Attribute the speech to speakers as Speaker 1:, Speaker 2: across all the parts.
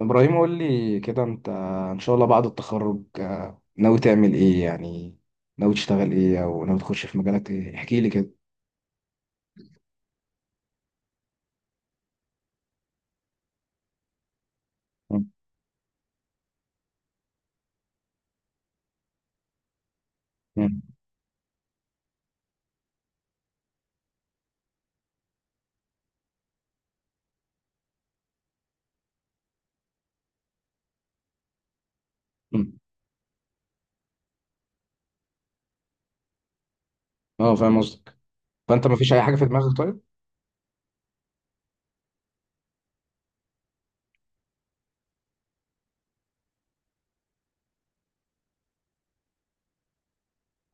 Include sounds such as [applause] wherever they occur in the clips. Speaker 1: ابراهيم، قول لي كده. انت ان شاء الله بعد التخرج ناوي تعمل ايه؟ يعني ناوي تشتغل ايه، او ناوي تخش في مجالات ايه؟ احكي لي كده. مم. مم. مم. اه، فاهم قصدك. فانت ما فيش اي حاجه في دماغك طيب؟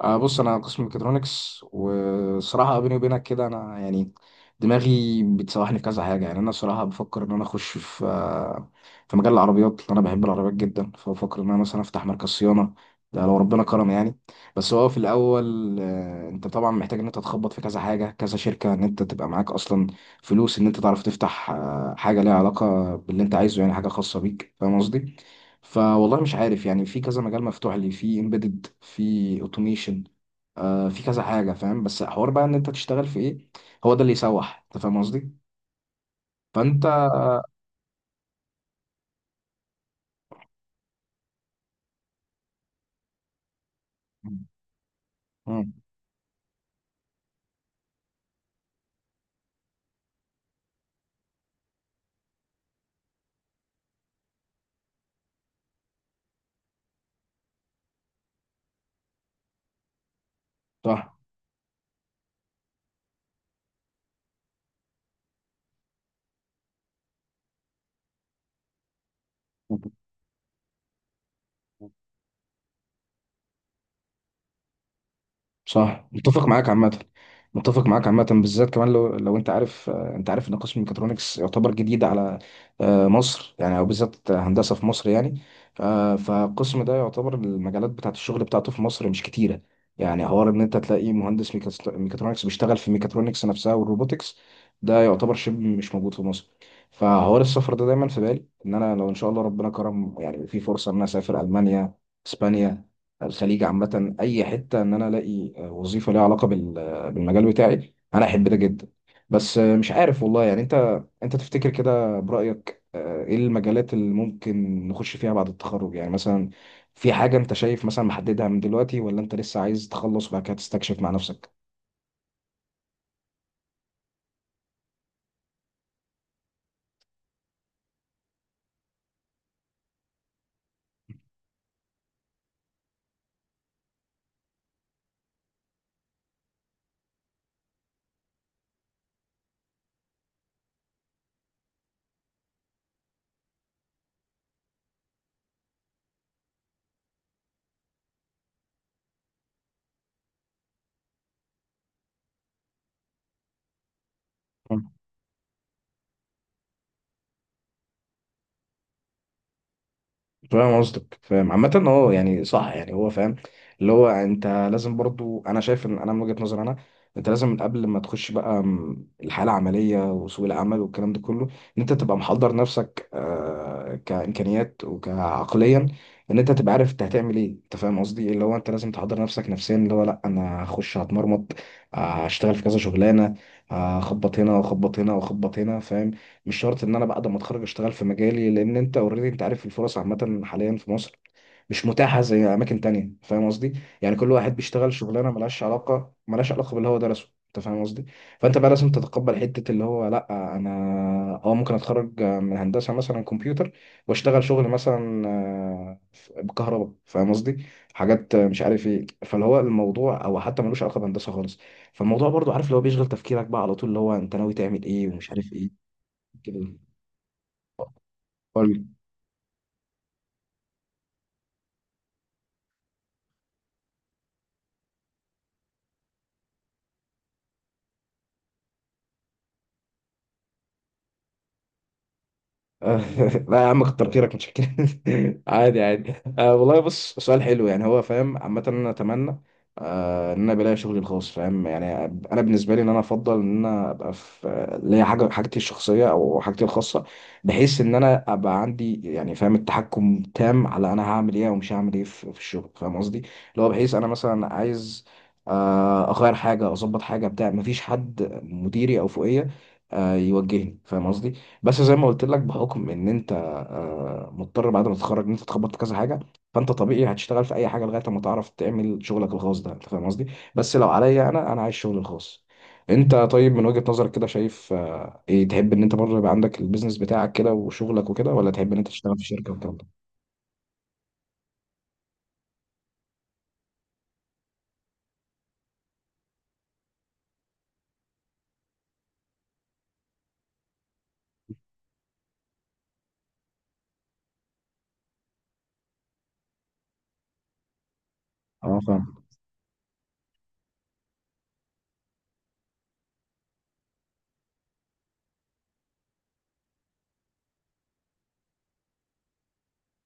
Speaker 1: بص، انا قسم ميكاترونكس. وصراحه بيني وبينك كده، انا يعني دماغي بتسوحني في كذا حاجه. يعني انا صراحه بفكر ان انا اخش في في مجال العربيات، لأن انا بحب العربيات جدا، فبفكر ان انا مثلا افتح مركز صيانه، ده لو ربنا كرم يعني. بس هو في الاول انت طبعا محتاج ان انت تخبط في كذا حاجه، كذا شركه، ان انت تبقى معاك اصلا فلوس، ان انت تعرف تفتح حاجه ليها علاقه باللي انت عايزه، يعني حاجه خاصه بيك، فاهم قصدي؟ فوالله مش عارف. يعني في كذا مجال مفتوح لي، في امبيدد، في اوتوميشن، في كذا حاجه، فاهم؟ بس حوار بقى ان انت تشتغل في ايه، هو ده اللي يسوح، انت فاهم قصدي. فانت. مم. صح. صح، متفق معاك عامة. متفق معاك عامة بالذات كمان، لو انت عارف، انت عارف ان قسم الميكاترونكس يعتبر جديد على مصر يعني، او بالذات هندسة في مصر يعني. فالقسم ده يعتبر المجالات بتاعة الشغل بتاعته في مصر مش كتيرة. يعني حوار ان انت تلاقي مهندس ميكاترونكس بيشتغل في ميكاترونكس نفسها والروبوتكس، ده يعتبر شبه مش موجود في مصر. فحوار السفر ده دايما في بالي، ان انا لو ان شاء الله ربنا كرم يعني في فرصة ان انا اسافر المانيا، اسبانيا، الخليج، عامة أي حتة، إن أنا ألاقي وظيفة ليها علاقة بالمجال بتاعي، أنا أحب ده جدا. بس مش عارف والله. يعني أنت تفتكر كده برأيك، إيه المجالات اللي ممكن نخش فيها بعد التخرج؟ يعني مثلا في حاجة أنت شايف مثلا محددها من دلوقتي، ولا أنت لسه عايز تخلص وبعد كده تستكشف مع نفسك؟ فاهم قصدك. فاهم عامة. اه، يعني صح، يعني هو فاهم. اللي هو انت لازم برضو، انا شايف ان انا من وجهة نظري انا، انت لازم من قبل ما تخش بقى الحالة العملية وسوق العمل والكلام ده كله، ان انت تبقى محضر نفسك كإمكانيات وكعقليا، ان انت تبقى عارف انت هتعمل ايه. انت فاهم قصدي، اللي هو انت لازم تحضر نفسك نفسيا، اللي هو لا، انا هخش هتمرمط، آه، هشتغل في كذا شغلانة، هخبط هنا، واخبط هنا، واخبط هنا، فاهم؟ مش شرط ان انا بعد ما اتخرج اشتغل في مجالي، لان انت اوريدي انت عارف الفرص عامه حاليا في مصر مش متاحه زي اماكن تانية، فاهم قصدي. يعني كل واحد بيشتغل شغلانه ملهاش علاقه باللي هو درسه، انت فاهم قصدي. فانت بقى لازم تتقبل حته اللي هو لا، انا اه ممكن اتخرج من هندسه مثلا كمبيوتر واشتغل شغل مثلا بكهرباء، فاهم قصدي؟ حاجات مش عارف ايه، فاللي هو الموضوع او حتى ملوش علاقه بهندسه خالص. فالموضوع برضو عارف اللي هو بيشغل تفكيرك بقى على طول، اللي هو انت ناوي تعمل ايه ومش عارف ايه. كده قول. [laughs] لا يا عم كتر خيرك، مش كده. [laughs] عادي، عادي. والله بص، سؤال حلو يعني، هو فاهم عامة. انا اتمنى ان انا بلاقي شغلي الخاص، فاهم يعني. انا بالنسبه لي، ان انا افضل ان انا ابقى في ليا حاجه، حاجتي الشخصيه او حاجتي الخاصه، بحيث ان انا ابقى عندي يعني، فاهم، التحكم تام على انا هعمل ايه ومش هعمل ايه في الشغل، فاهم قصدي؟ اللي هو بحيث انا مثلا عايز اغير حاجه، اظبط حاجه، بتاع، مفيش حد مديري او فوقيه يوجهني، فاهم قصدي؟ بس زي ما قلت لك، بحكم ان انت مضطر بعد ما تتخرج ان انت تخبط في كذا حاجه، فانت طبيعي هتشتغل في اي حاجه لغايه ما تعرف تعمل شغلك الخاص ده، انت فاهم قصدي. بس لو عليا، انا عايز شغلي الخاص. انت طيب، من وجهه نظرك كده شايف ايه؟ تحب ان انت برضه يبقى عندك البيزنس بتاعك كده وشغلك وكده، ولا تحب ان انت تشتغل في شركه والكلام ده؟ اه، فاهم.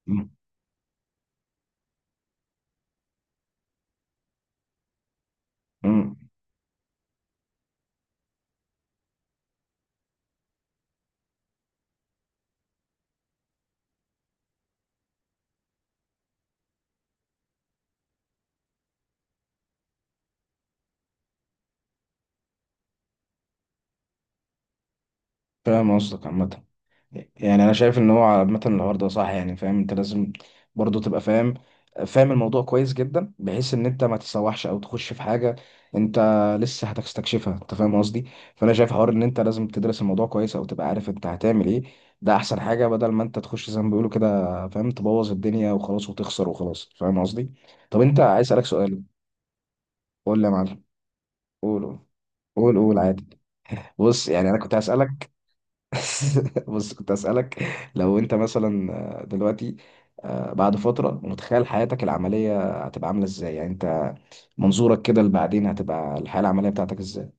Speaker 1: مم. مم. فاهم قصدك عامه. يعني انا شايف ان هو عامه الحوار ده صح يعني. فاهم، انت لازم برضه تبقى فاهم، فاهم الموضوع كويس جدا، بحيث ان انت ما تتسوحش او تخش في حاجه انت لسه هتستكشفها، انت فاهم قصدي. فانا شايف حوار ان انت لازم تدرس الموضوع كويس او تبقى عارف انت هتعمل ايه. ده احسن حاجه، بدل ما انت تخش زي ما بيقولوا كده، فاهم، تبوظ الدنيا وخلاص وتخسر وخلاص، فاهم قصدي؟ طب انت، عايز اسالك سؤال. قول لي يا معلم. قول، قول. قول، قول عادي. بص، يعني انا كنت هسالك. [laughs] بص، كنت أسألك، لو أنت مثلا دلوقتي، بعد فترة، متخيل حياتك العملية هتبقى عاملة إزاي؟ يعني أنت منظورك كده لبعدين، هتبقى الحياة العملية بتاعتك إزاي؟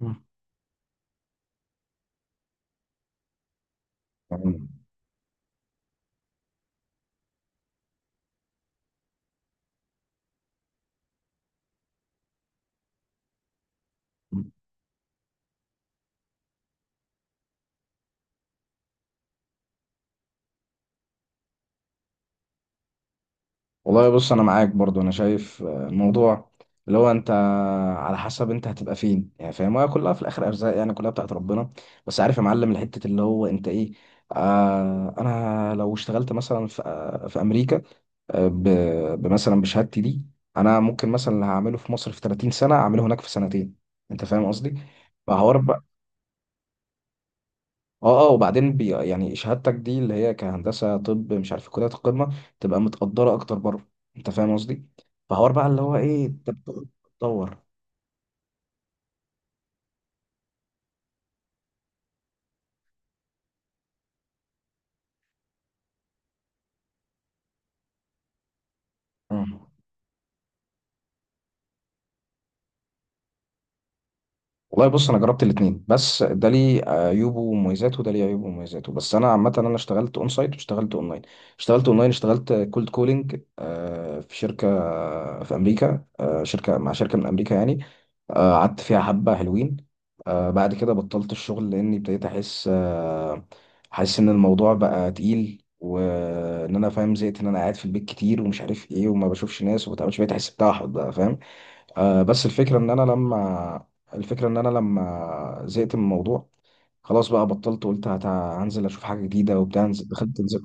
Speaker 1: مم. تمام. والله بص، أنا معاك برضو. أنا شايف الموضوع اللي هو أنت، على حسب أنت هتبقى فين يعني، فاهم؟ هي كلها في الآخر أرزاق يعني، كلها بتاعت ربنا. بس عارف يا معلم الحتة اللي هو أنت إيه؟ أنا لو اشتغلت مثلا في أمريكا، بمثلا بشهادتي دي، انا ممكن مثلا اللي هعمله في مصر في 30 سنه اعمله هناك في سنتين، انت فاهم قصدي؟ فحوار بقى. اه، اه. وبعدين يعني شهادتك دي اللي هي كهندسه، طب مش عارف كليات القمه تبقى متقدره اكتر بره، انت فاهم قصدي؟ فحوار بقى اللي هو ايه، انت بتدور. والله بص، انا جربت الاثنين، بس ده ليه عيوبه ومميزاته، وده ليه عيوبه ومميزاته. بس انا عامه انا اشتغلت اون سايت، واشتغلت اونلاين. اشتغلت كولد كولينج في شركه، في امريكا. شركه، مع شركه من امريكا يعني. قعدت فيها حبه حلوين. بعد كده بطلت الشغل، لاني ابتديت احس احس ان الموضوع بقى تقيل، وان انا فاهم، زهقت، ان انا قاعد في البيت كتير، ومش عارف ايه، وما بشوفش ناس، وما بتعملش، بقيت احس بتوحد بقى، فاهم. بس الفكرة ان انا لما زهقت من الموضوع، خلاص بقى بطلت، قلت هنزل اشوف حاجة جديدة وبتاع، دخلت، نزلت.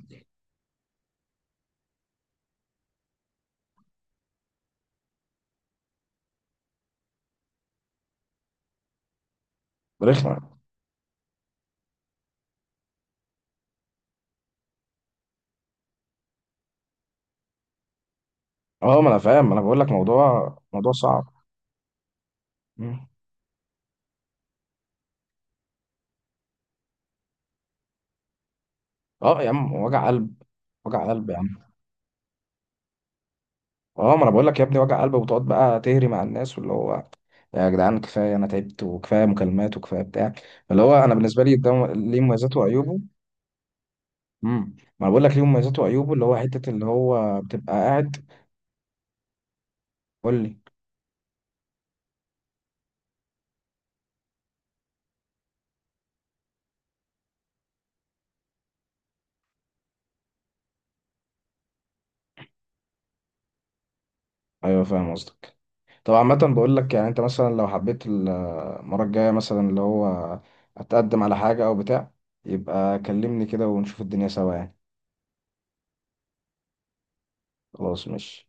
Speaker 1: رخمة. اه، ما انا فاهم، ما انا بقول لك، موضوع، موضوع صعب. مم. اه يا عم، وجع قلب. وجع قلب يا عم. اه، ما انا بقول لك يا ابني، وجع قلب، وتقعد بقى تهري مع الناس، واللي هو يا جدعان كفاية، انا تعبت، وكفاية مكالمات، وكفاية بتاع. اللي هو انا بالنسبة لي ده ليه مميزاته وعيوبه. ما انا بقول لك ليه مميزاته وعيوبه، اللي هو حتة اللي هو بتبقى قاعد. قول لي. ايوه، فاهم قصدك. طب عامة بقول لك، يعني انت مثلا لو حبيت المرة الجاية مثلا اللي هو اتقدم على حاجة او بتاع، يبقى كلمني كده ونشوف الدنيا سوا يعني. خلاص ماشي.